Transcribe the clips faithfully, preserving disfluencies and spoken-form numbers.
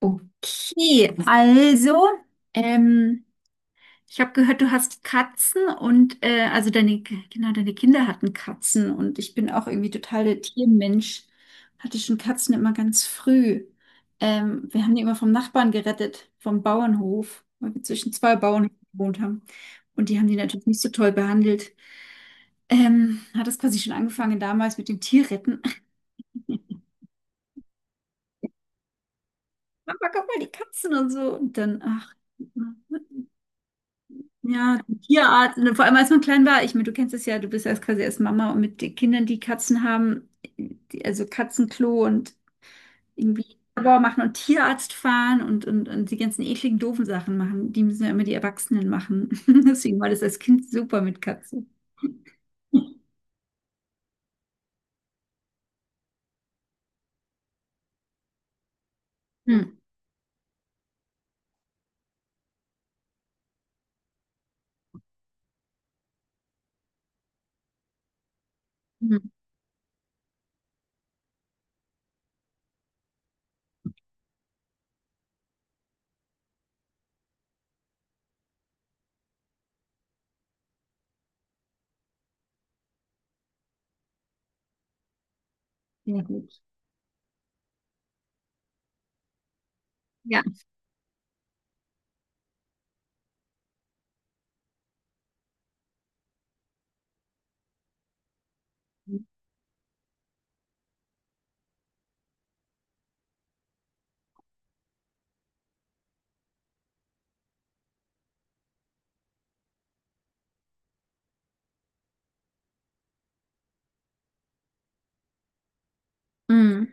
Okay, also, ähm, ich habe gehört, du hast Katzen und äh, also deine, genau, deine Kinder hatten Katzen und ich bin auch irgendwie total der Tiermensch. Hatte schon Katzen immer ganz früh. Ähm, wir haben die immer vom Nachbarn gerettet, vom Bauernhof, weil wir zwischen zwei Bauernhöfen gewohnt haben. Und die haben die natürlich nicht so toll behandelt. Ähm, hat das quasi schon angefangen damals mit dem Tierretten. Mama, guck mal, die Katzen und so. Und dann, ach. Ja, Tierarzt, und vor allem als man klein war, ich meine, du kennst es ja, du bist ja erst quasi erst Mama und mit den Kindern, die Katzen haben, die, also Katzenklo und irgendwie Labor machen und Tierarzt fahren und, und, und die ganzen ekligen, doofen Sachen machen, die müssen ja immer die Erwachsenen machen. Deswegen war das als Kind super mit Katzen. Hm, hm, sehr gut. Ja. Hm,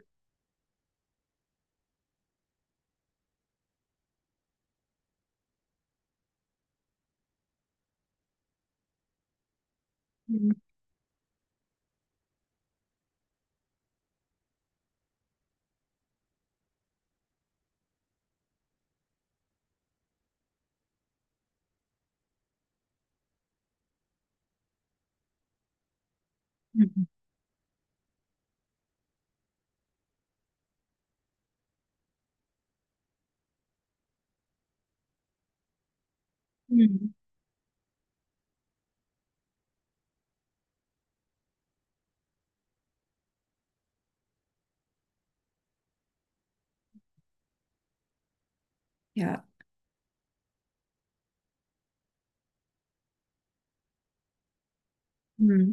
hm, hm, hm. Ja. Hm.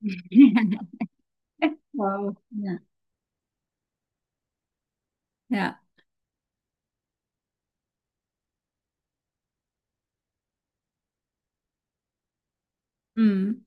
Wow. Ja. Ja. Hm.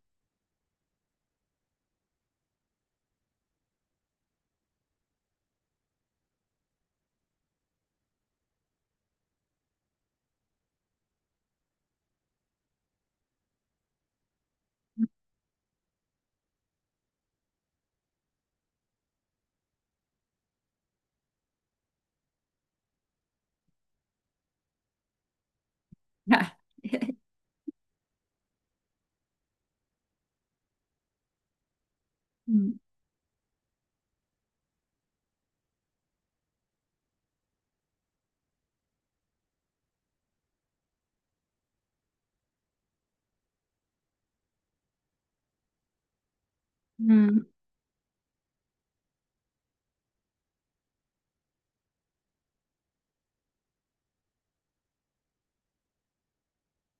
Ja. Hm. Hm.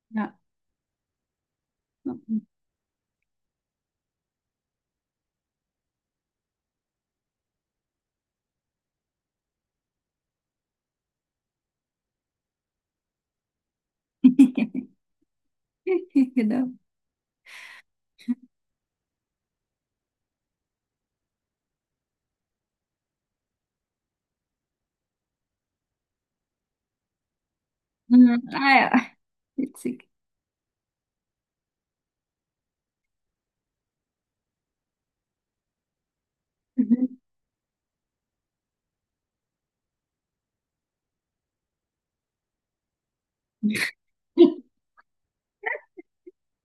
Ja. Genau. Mhm. Ah ja, witzig. Mhm.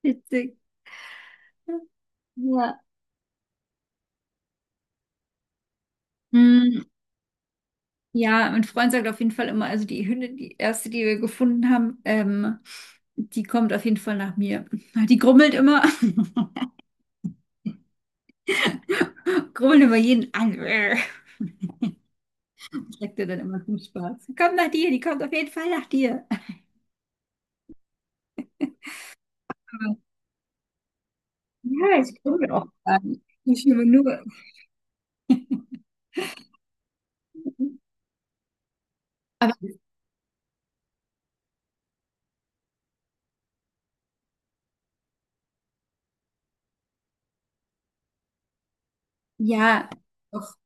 Witzig. Ja. Mhm. Ja, mein Freund sagt auf jeden Fall immer, also die Hündin, die erste, die wir gefunden haben, ähm, die kommt auf jeden Fall nach mir. Die grummelt immer, grummelt immer jeden an. Sagt er dann immer zum Spaß. Komm nach dir, die kommt auf jeden Fall nach dir. Aber, ja, ich grummel auch gar nicht. Ich nur. Aber ja, doch.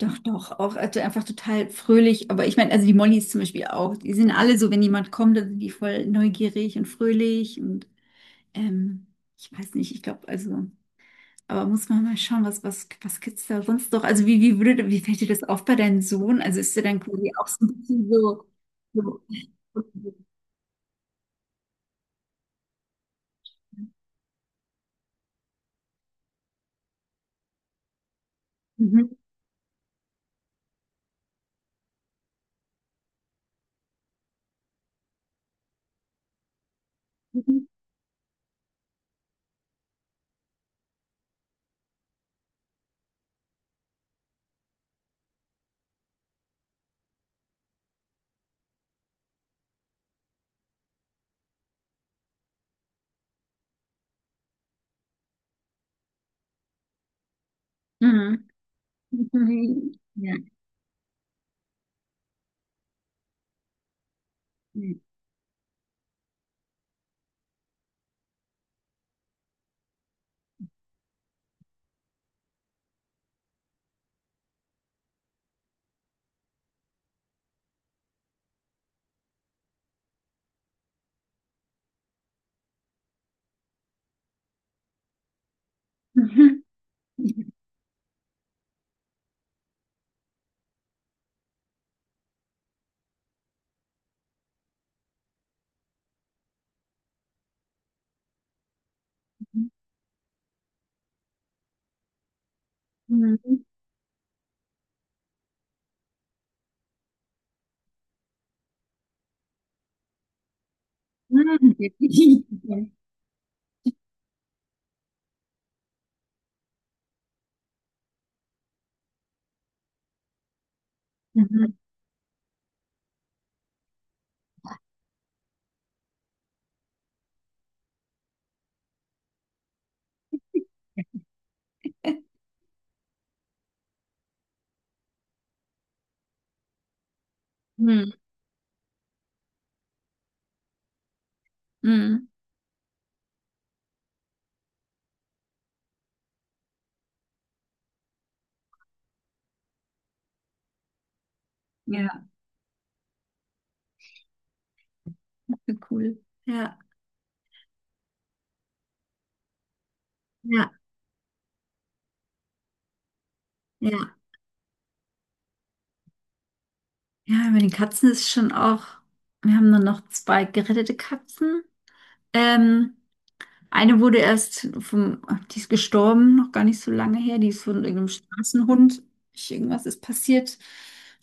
Doch, doch, auch also einfach total fröhlich. Aber ich meine, also die Mollys zum Beispiel auch, die sind alle so, wenn jemand kommt, dann sind die voll neugierig und fröhlich und ähm, ich weiß nicht, ich glaube, also, aber muss man mal schauen, was, was, was gibt's da sonst noch? Also wie, wie würde, wie fällt dir das auf bei deinem Sohn? Also ist er dann quasi auch so ein bisschen so, so mhm. Mhm. Mhm. Ja. Mhm. Mhm. Mhm. Mhm. Mhm. Mhm. Mhm. Mhm. Ja. Wie cool. Ja, ja, ja. Ja, bei den Katzen ist schon auch, wir haben dann noch zwei gerettete Katzen. Ähm, eine wurde erst vom, die ist gestorben, noch gar nicht so lange her, die ist von irgendeinem Straßenhund. Irgendwas ist passiert.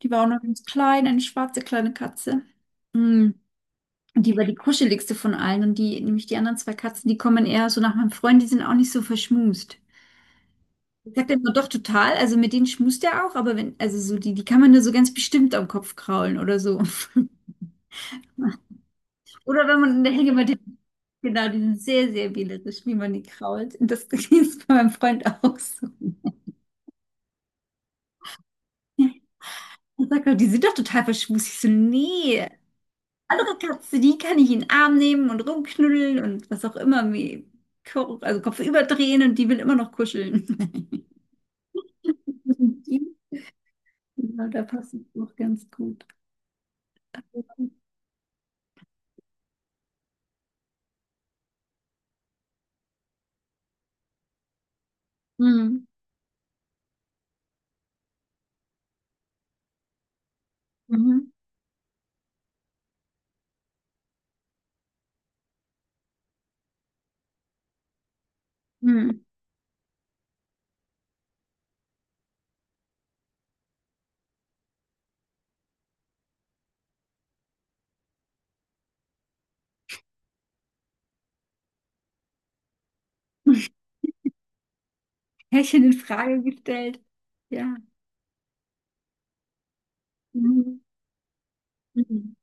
Die war auch noch ganz klein, eine schwarze kleine Katze. Mm. Und die war die kuscheligste von allen und die, nämlich die anderen zwei Katzen, die kommen eher so nach meinem Freund, die sind auch nicht so verschmust. Ich sag dann immer, doch total, also mit denen schmust er auch, aber wenn, also so die, die kann man nur so ganz bestimmt am Kopf kraulen oder so. Oder wenn man in der Hängematte, genau, die sind sehr, sehr wählerisch, wie man die krault. Und das ist bei meinem Freund auch so. Er sagt auch, die sind doch total verschmust. Ich so, nee, andere Katze, die kann ich in den Arm nehmen und rumknuddeln und was auch immer, wie, Ko- also Kopf überdrehen und die will immer noch kuscheln. Und die, ja, da passt es auch ganz gut. Mhm. Mhm. Mhm. Pärchen in Frage gestellt. Ja. Mhm. Mhm.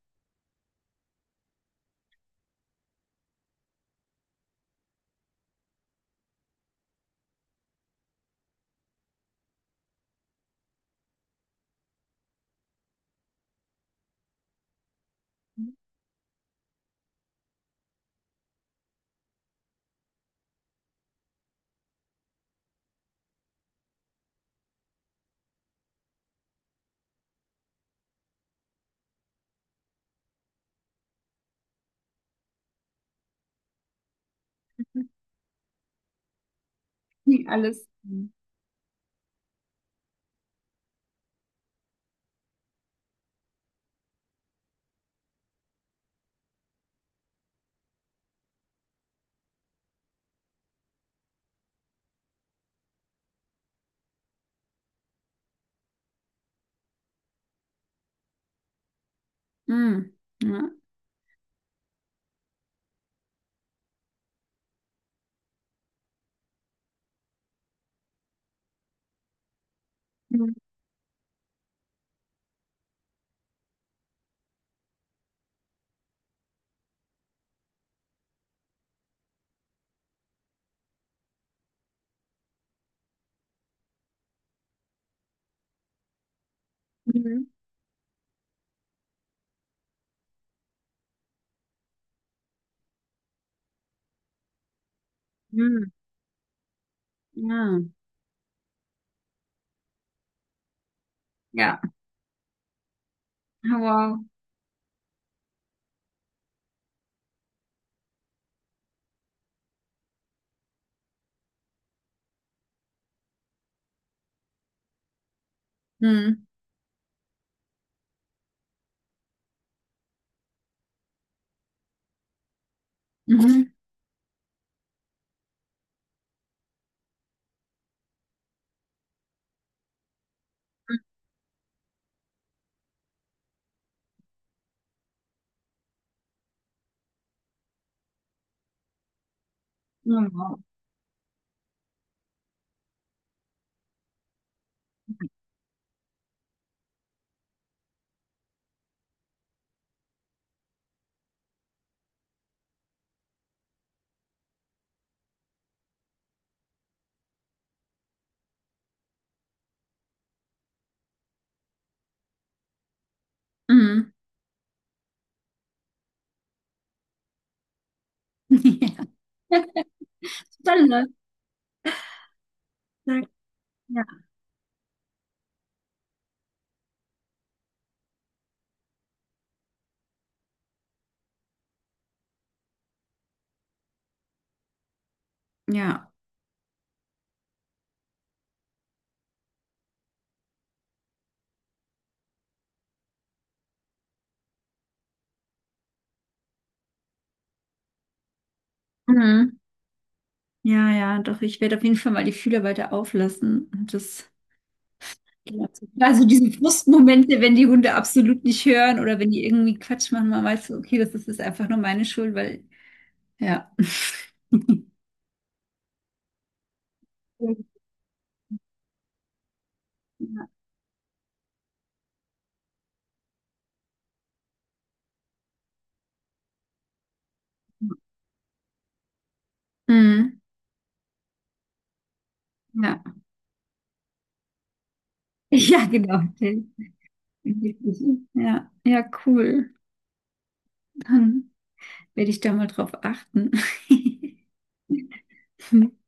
Nie alles. Mhm. Mhm. Ja. Mhm. Mhm. Mhm. Ja. Ja. Oh, Wow. Mhm. Mhm. Oh, Wow. Mhm. Ja. Spannend. Ja. Ja. Mhm. Ja, ja, doch, ich werde auf jeden Fall mal die Fühler weiter auflassen. Und das, also diese Frustmomente, wenn die Hunde absolut nicht hören oder wenn die irgendwie Quatsch machen, man weiß, okay, das ist, das ist einfach nur meine Schuld, weil ja. Ja, mhm. Ja. Ja, genau. Der ja. Ja, cool. Dann werde ich da mal drauf achten.